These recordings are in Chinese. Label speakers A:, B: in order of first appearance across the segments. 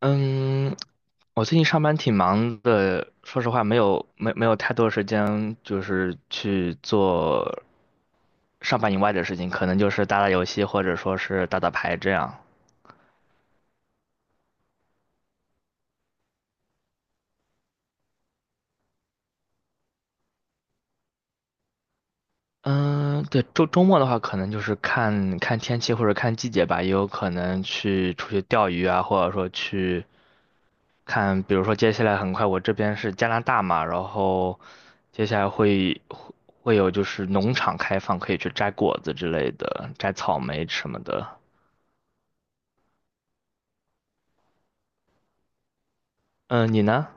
A: 嗯，我最近上班挺忙的，说实话没有太多时间，就是去做上班以外的事情，可能就是打打游戏或者说是打打牌这样。嗯，对，周末的话，可能就是看看天气或者看季节吧，也有可能去出去钓鱼啊，或者说去。比如说接下来很快，我这边是加拿大嘛，然后接下来会有就是农场开放，可以去摘果子之类的，摘草莓什么的。嗯，你呢？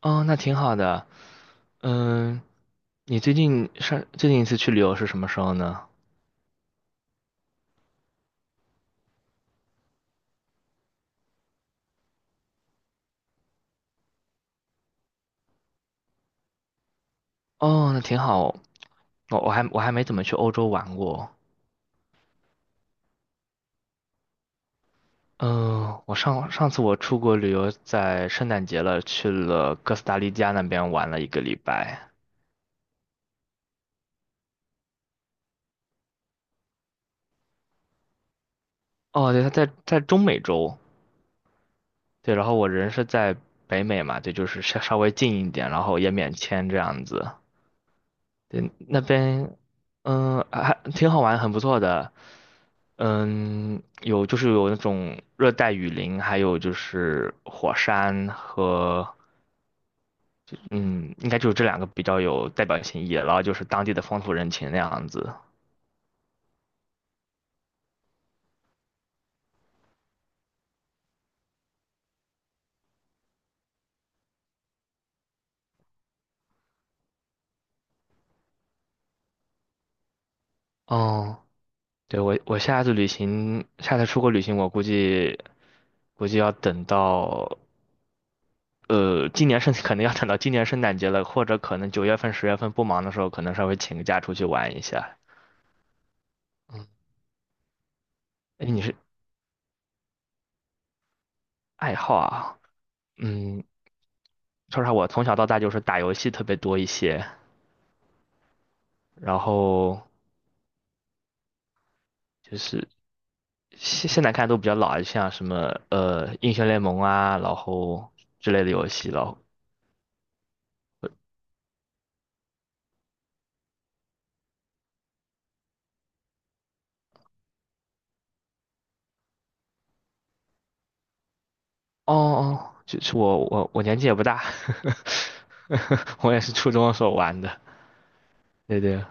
A: 哦，那挺好的。嗯，你最近一次去旅游是什么时候呢？哦，那挺好。我还没怎么去欧洲玩过。嗯，我上上次出国旅游在圣诞节了，去了哥斯达黎加那边玩了一个礼拜。哦，对，他在中美洲。对，然后我人是在北美嘛，对，就是稍微近一点，然后也免签这样子。对，那边，还挺好玩，很不错的。嗯，有就是有那种热带雨林，还有就是火山和，嗯，应该就是这两个比较有代表性意义了。然后就是当地的风土人情那样子。哦，对，我下次旅行，下次出国旅行，我估计要等到。呃，今年圣可能要等到今年圣诞节了，或者可能9月份、10月份不忙的时候，可能稍微请个假出去玩一下。嗯，哎，爱好啊？嗯，说实话，我从小到大就是打游戏特别多一些，然后就是现在看都比较老，像什么英雄联盟啊，然后之类的游戏了。哦哦，就是我年纪也不大，我也是初中的时候玩的。对对，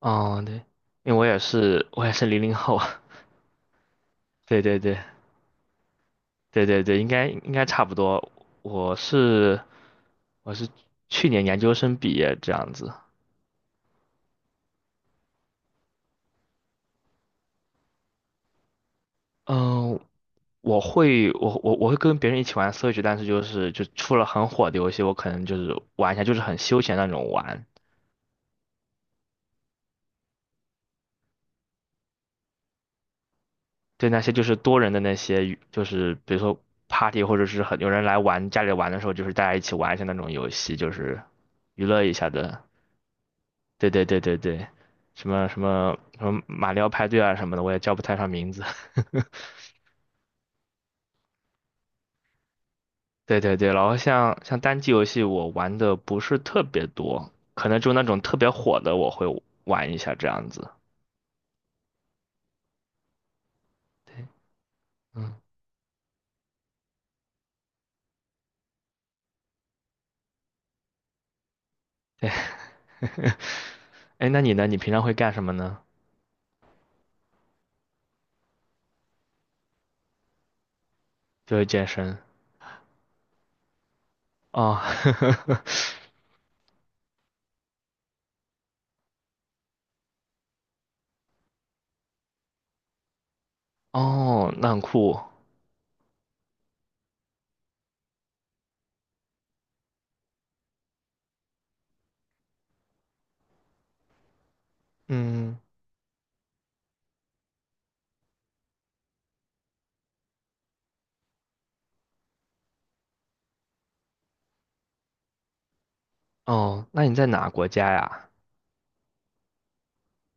A: 哦对，因为我也是00后。对对对对对对，应该差不多。我是我是去年研究生毕业这样子。嗯，我会跟别人一起玩 Switch，但是就是出了很火的游戏，我可能就是玩一下，就是很休闲那种玩。对那些就是多人的那些，就是比如说 party 或者是很有人来玩家里玩的时候，就是大家一起玩一下那种游戏，就是娱乐一下的。对对对对对，什么马里奥派对啊什么的，我也叫不太上名字。对对对，然后像单机游戏，我玩的不是特别多，可能就那种特别火的，我会玩一下这样子。嗯，哎，那你呢？你平常会干什么呢？就是健身。哦，哦，那很酷。嗯，哦，那你在哪国家呀？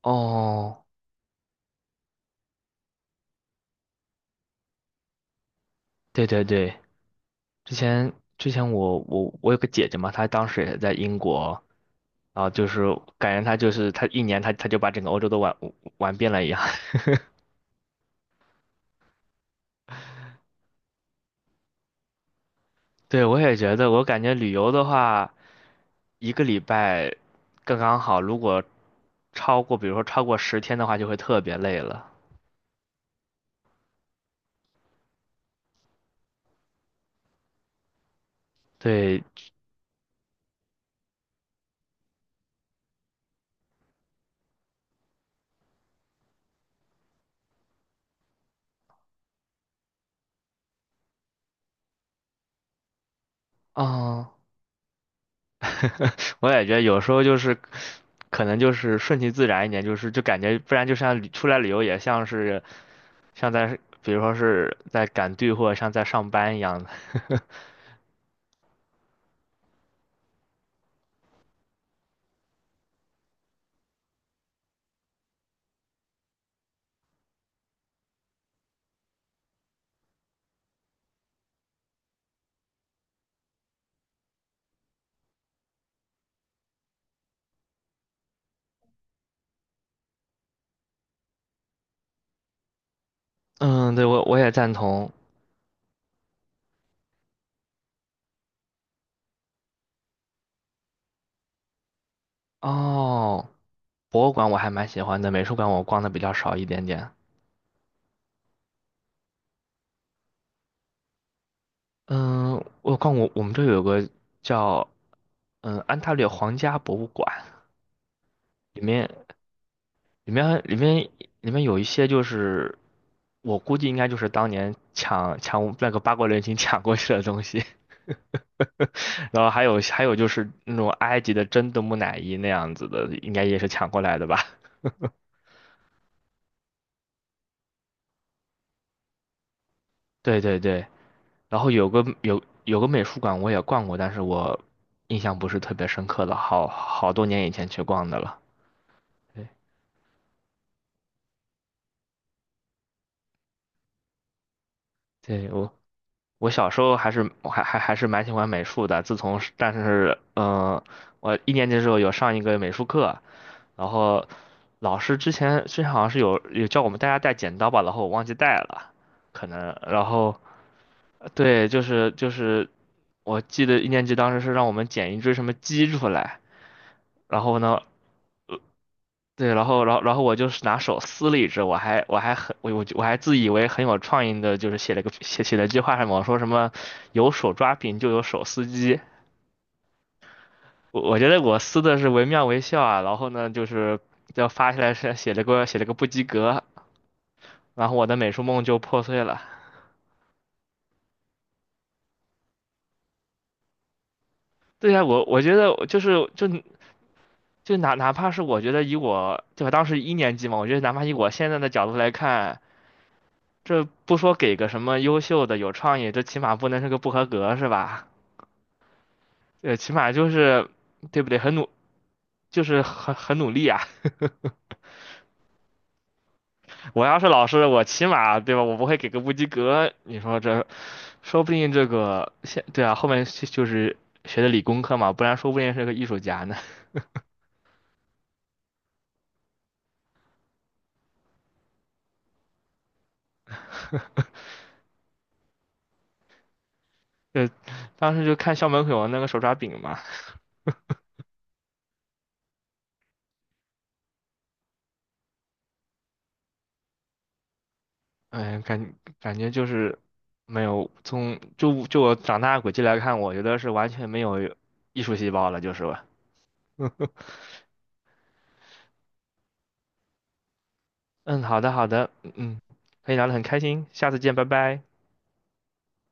A: 哦，对对对，之前之前我有个姐姐嘛，她当时也在英国，然后就是感觉她就是她一年她就把整个欧洲都玩遍了一样。对，我也觉得，我感觉旅游的话，一个礼拜刚刚好。如果超过，比如说超过10天的话，就会特别累了。对，哦，我也觉得有时候就是可能就是顺其自然一点，就是感觉不然就像旅出来旅游也像是像在比如说是在赶队或者像在上班一样的。嗯，对，我也赞同。哦，博物馆我还蛮喜欢的，美术馆我逛的比较少一点点。嗯，我逛过，我们这有个叫安大略皇家博物馆，里面里面里面里面有一些就是我估计应该就是当年抢那个八国联军抢过去的东西，然后还有就是那种埃及的真的木乃伊那样子的，应该也是抢过来的吧？对对对，然后有个美术馆我也逛过，但是我印象不是特别深刻了，好多年以前去逛的了。对对，我小时候还是蛮喜欢美术的，自从是但是我一年级的时候有上一个美术课，然后老师之前好像是有叫我们大家带剪刀吧，然后我忘记带了，可能然后对，就是我记得一年级当时是让我们剪一只什么鸡出来，然后呢。对，然后我就是拿手撕了一只，我还自以为很有创意的，就是写了一句话什么我说什么有手抓饼就有手撕鸡，我觉得我撕的是惟妙惟肖啊，然后呢，就是要发下来是写了个不及格，然后我的美术梦就破碎了。对呀，我觉得就是哪怕是我觉得以我对吧，当时一年级嘛，我觉得哪怕以我现在的角度来看，这不说给个什么优秀的有创意，这起码不能是个不合格是吧？起码就是对不对，很努就是很很努力啊。我要是老师，我起码对吧，我不会给个不及格，你说这说不定这个对啊，后面就是学的理工科嘛，不然说不定是个艺术家呢。呃，当时就看校门口有那个手抓饼嘛，哎，感觉就是没有从我长大的轨迹来看，我觉得是完全没有艺术细胞了，就是吧。嗯，好的好的，可以聊得很开心，下次见，拜拜。